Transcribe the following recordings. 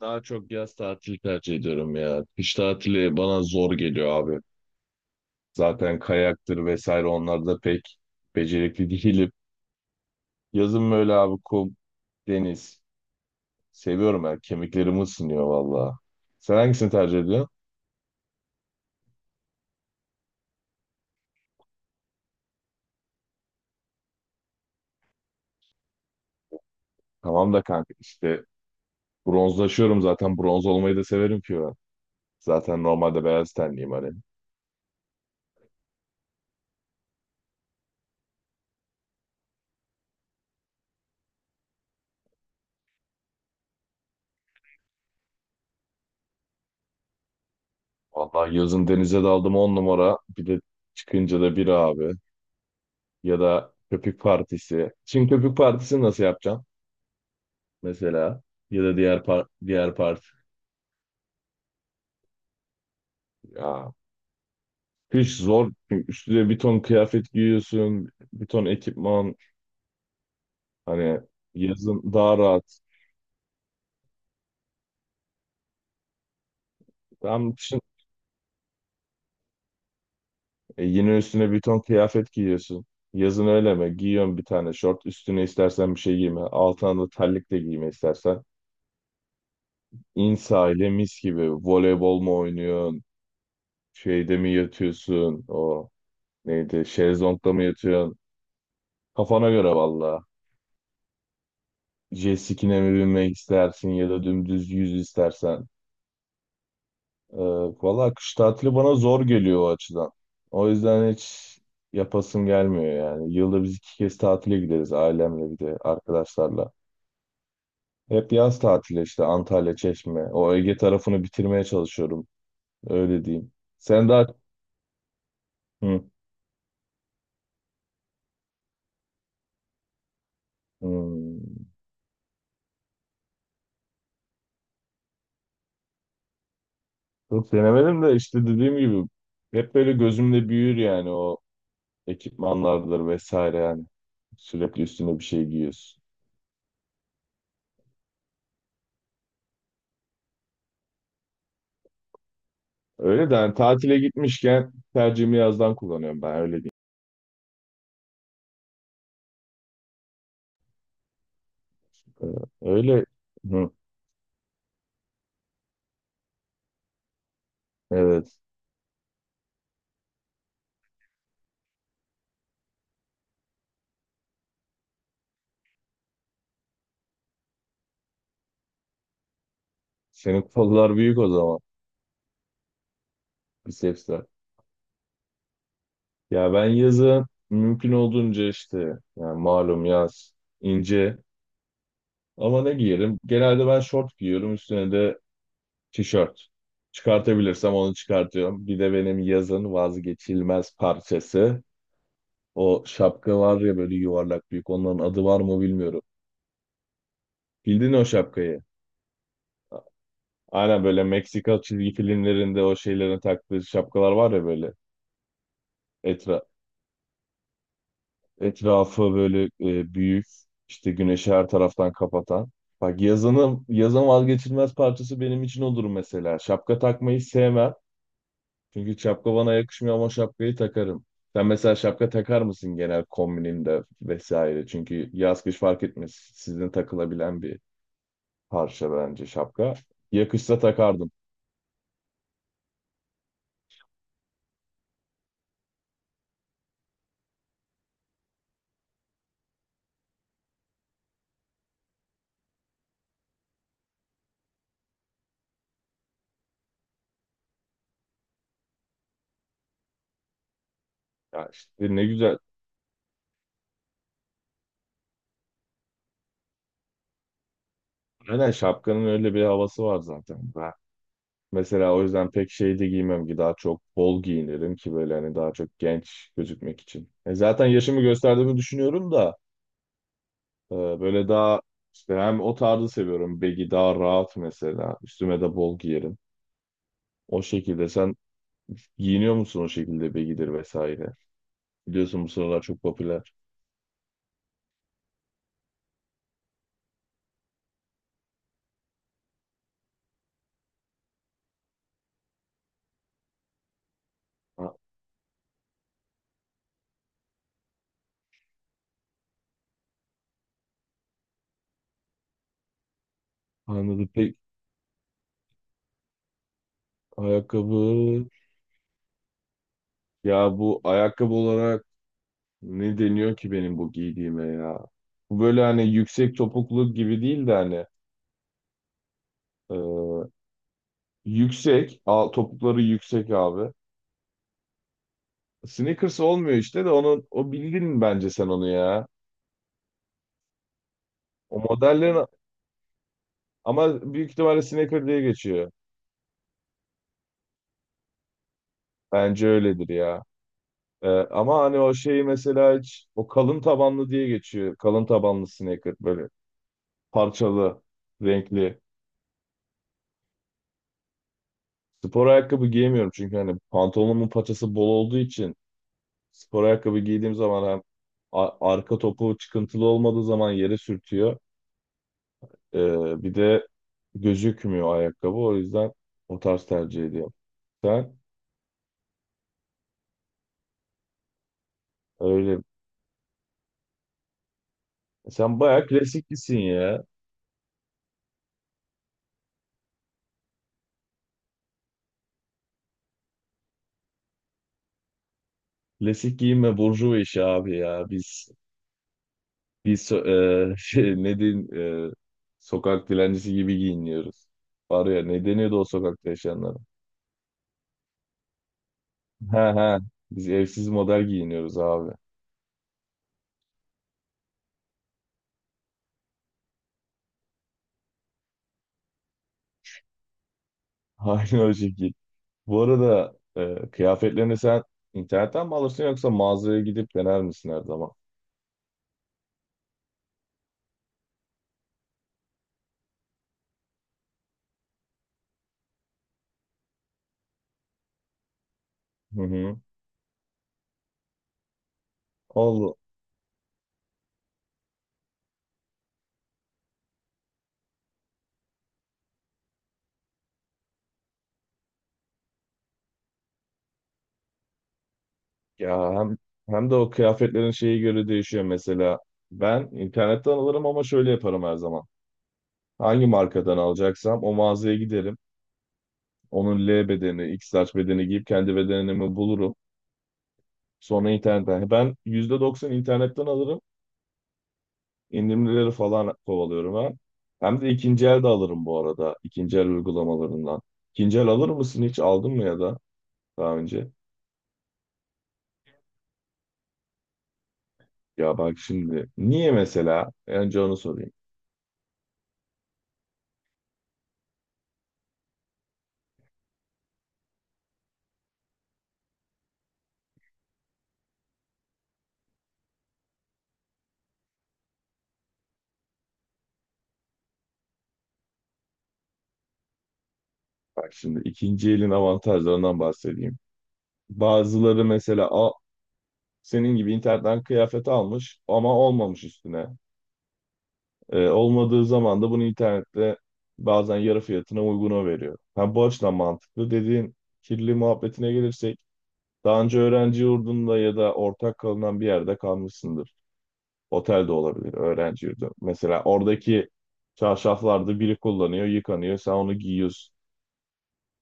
Daha çok yaz tatili tercih ediyorum ya. Kış tatili bana zor geliyor abi. Zaten kayaktır vesaire onlar da pek becerikli değilim. Yazın böyle abi kum, deniz. Seviyorum ben. Kemiklerim ısınıyor valla. Sen hangisini tercih ediyorsun? Tamam da kanka işte bronzlaşıyorum zaten. Bronz olmayı da severim ki ben. Zaten normalde beyaz tenliyim hani. Vallahi yazın denize daldım on numara. Bir de çıkınca da bir abi. Ya da köpük partisi. Şimdi köpük partisini nasıl yapacağım mesela? Ya da diğer parti. Ya kış zor. Çünkü üstüne bir ton kıyafet giyiyorsun. Bir ton ekipman. Hani yazın daha rahat. Tam düşün. Yine üstüne bir ton kıyafet giyiyorsun. Yazın öyle mi? Giyiyorsun bir tane şort. Üstüne istersen bir şey giyme. Altına da terlik de giyme istersen. İn sahile mis gibi. Voleybol mu oynuyorsun? Şeyde mi yatıyorsun? O neydi? Şezlongda mı yatıyorsun? Kafana göre valla. Jet ski'ne mi binmek istersin ya da dümdüz yüz istersen. Ee, Valla kış tatili bana zor geliyor o açıdan. O yüzden hiç yapasım gelmiyor yani. Yılda biz iki kez tatile gideriz ailemle bir de arkadaşlarla. Hep yaz tatili işte Antalya, Çeşme. O Ege tarafını bitirmeye çalışıyorum. Öyle diyeyim. Sen daha... Hı, hı. Çok denemedim de işte dediğim gibi hep böyle gözümde büyür yani o ekipmanlardır vesaire yani. Sürekli üstüne bir şey giyiyorsun. Öyle de yani tatile gitmişken tercihimi yazdan kullanıyorum ben öyle. Ee, Öyle. Hı, evet. Senin kollar büyük o zaman. Bisepsler. Ya ben yazın mümkün olduğunca işte yani malum yaz ince ama ne giyerim? Genelde ben şort giyiyorum üstüne de tişört. Çıkartabilirsem onu çıkartıyorum. Bir de benim yazın vazgeçilmez parçası. O şapka var ya böyle yuvarlak büyük. Onların adı var mı bilmiyorum. Bildin o şapkayı. Aynen böyle Meksika çizgi filmlerinde o şeylerin taktığı şapkalar var ya böyle. Etra Etrafı böyle büyük, işte güneşi her taraftan kapatan. Bak yazın vazgeçilmez parçası benim için odur mesela. Şapka takmayı sevmem. Çünkü şapka bana yakışmıyor ama şapkayı takarım. Sen mesela şapka takar mısın genel kombininde vesaire? Çünkü yaz kış fark etmez. Sizin takılabilen bir parça bence şapka. Yakışsa takardım. Ya işte ne güzel. Aynen şapkanın öyle bir havası var zaten. Mesela o yüzden pek şey de giymem ki daha çok bol giyinirim ki böyle hani daha çok genç gözükmek için. E zaten yaşımı gösterdiğimi düşünüyorum da böyle daha işte hem o tarzı seviyorum. Baggy daha rahat mesela. Üstüme de bol giyerim. O şekilde sen giyiniyor musun o şekilde baggy'dir vesaire. Biliyorsun bu sıralar çok popüler. A- Anladım. Peki ayakkabı. Ya bu ayakkabı olarak ne deniyor ki benim bu giydiğime ya? Bu böyle hani yüksek topuklu gibi değil de hani ee, Yüksek. Al, topukları yüksek abi. Sneakers olmuyor işte de onu o bildin bence sen onu ya. O modellerin ama büyük ihtimalle sneaker diye geçiyor. Bence öyledir ya. Ama hani o şeyi mesela hiç o kalın tabanlı diye geçiyor. Kalın tabanlı sneaker böyle parçalı, renkli. Spor ayakkabı giyemiyorum çünkü hani pantolonumun paçası bol olduğu için spor ayakkabı giydiğim zaman hem arka topu çıkıntılı olmadığı zaman yere sürtüyor. Bir de gözükmüyor ayakkabı. O yüzden o tarz tercih ediyorum. Sen öyle. Sen bayağı klasiklisin ya. Klasik giyinme burjuva işi abi ya. Biz şey, ne diyeyim, e, sokak dilencisi gibi giyiniyoruz. Var ya ne deniyordu o sokakta yaşayanlara? He he. Biz evsiz model giyiniyoruz abi. Aynı o şekil. Bu arada kıyafetlerini sen internetten mi alırsın yoksa mağazaya gidip dener misin her zaman? Hı hı. Allah. Ya hem de o kıyafetlerin şeyi göre değişiyor mesela. Ben internetten alırım ama şöyle yaparım her zaman. Hangi markadan alacaksam o mağazaya giderim. Onun L bedeni, XL bedeni giyip kendi bedenimi bulurum. Sonra internetten. Ben %90 internetten alırım. İndirimleri falan kovalıyorum ha. Hem de ikinci el de alırım bu arada. İkinci el uygulamalarından. İkinci el alır mısın hiç? Aldın mı ya da daha önce? Ya bak şimdi. Niye mesela? Önce onu sorayım. Bak şimdi ikinci elin avantajlarından bahsedeyim. Bazıları mesela senin gibi internetten kıyafet almış ama olmamış üstüne. Olmadığı zaman da bunu internette bazen yarı fiyatına uyguna veriyor. Ha, bu açıdan mantıklı. Dediğin kirli muhabbetine gelirsek daha önce öğrenci yurdunda ya da ortak kalınan bir yerde kalmışsındır. Otel de olabilir, öğrenci yurdu. Mesela oradaki çarşaflarda biri kullanıyor, yıkanıyor. Sen onu giyiyorsun.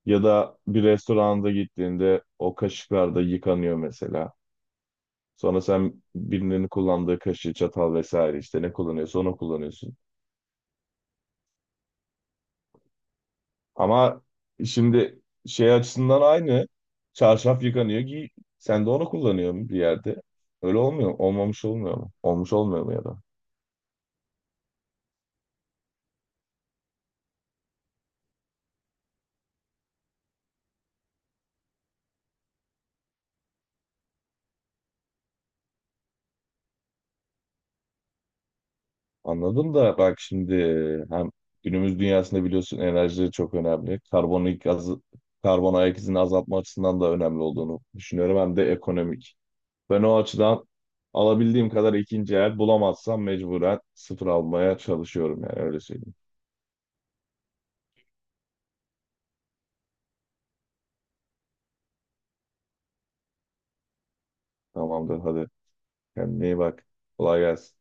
Ya da bir restoranda gittiğinde o kaşıklar da yıkanıyor mesela. Sonra sen birinin kullandığı kaşığı, çatal vesaire işte ne kullanıyorsa onu kullanıyorsun. Ama şimdi şey açısından aynı. Çarşaf yıkanıyor ki sen de onu kullanıyorsun bir yerde. Öyle olmuyor mu? Olmamış olmuyor mu? Olmuş olmuyor mu ya da? Anladım da bak şimdi hem günümüz dünyasında biliyorsun enerji çok önemli. Karbonik gazı, karbon ayak izini azaltma açısından da önemli olduğunu düşünüyorum. Hem de ekonomik. Ben o açıdan alabildiğim kadar ikinci el bulamazsam mecburen sıfır almaya çalışıyorum yani öyle söyleyeyim. Tamamdır hadi kendine iyi bak. Kolay gelsin.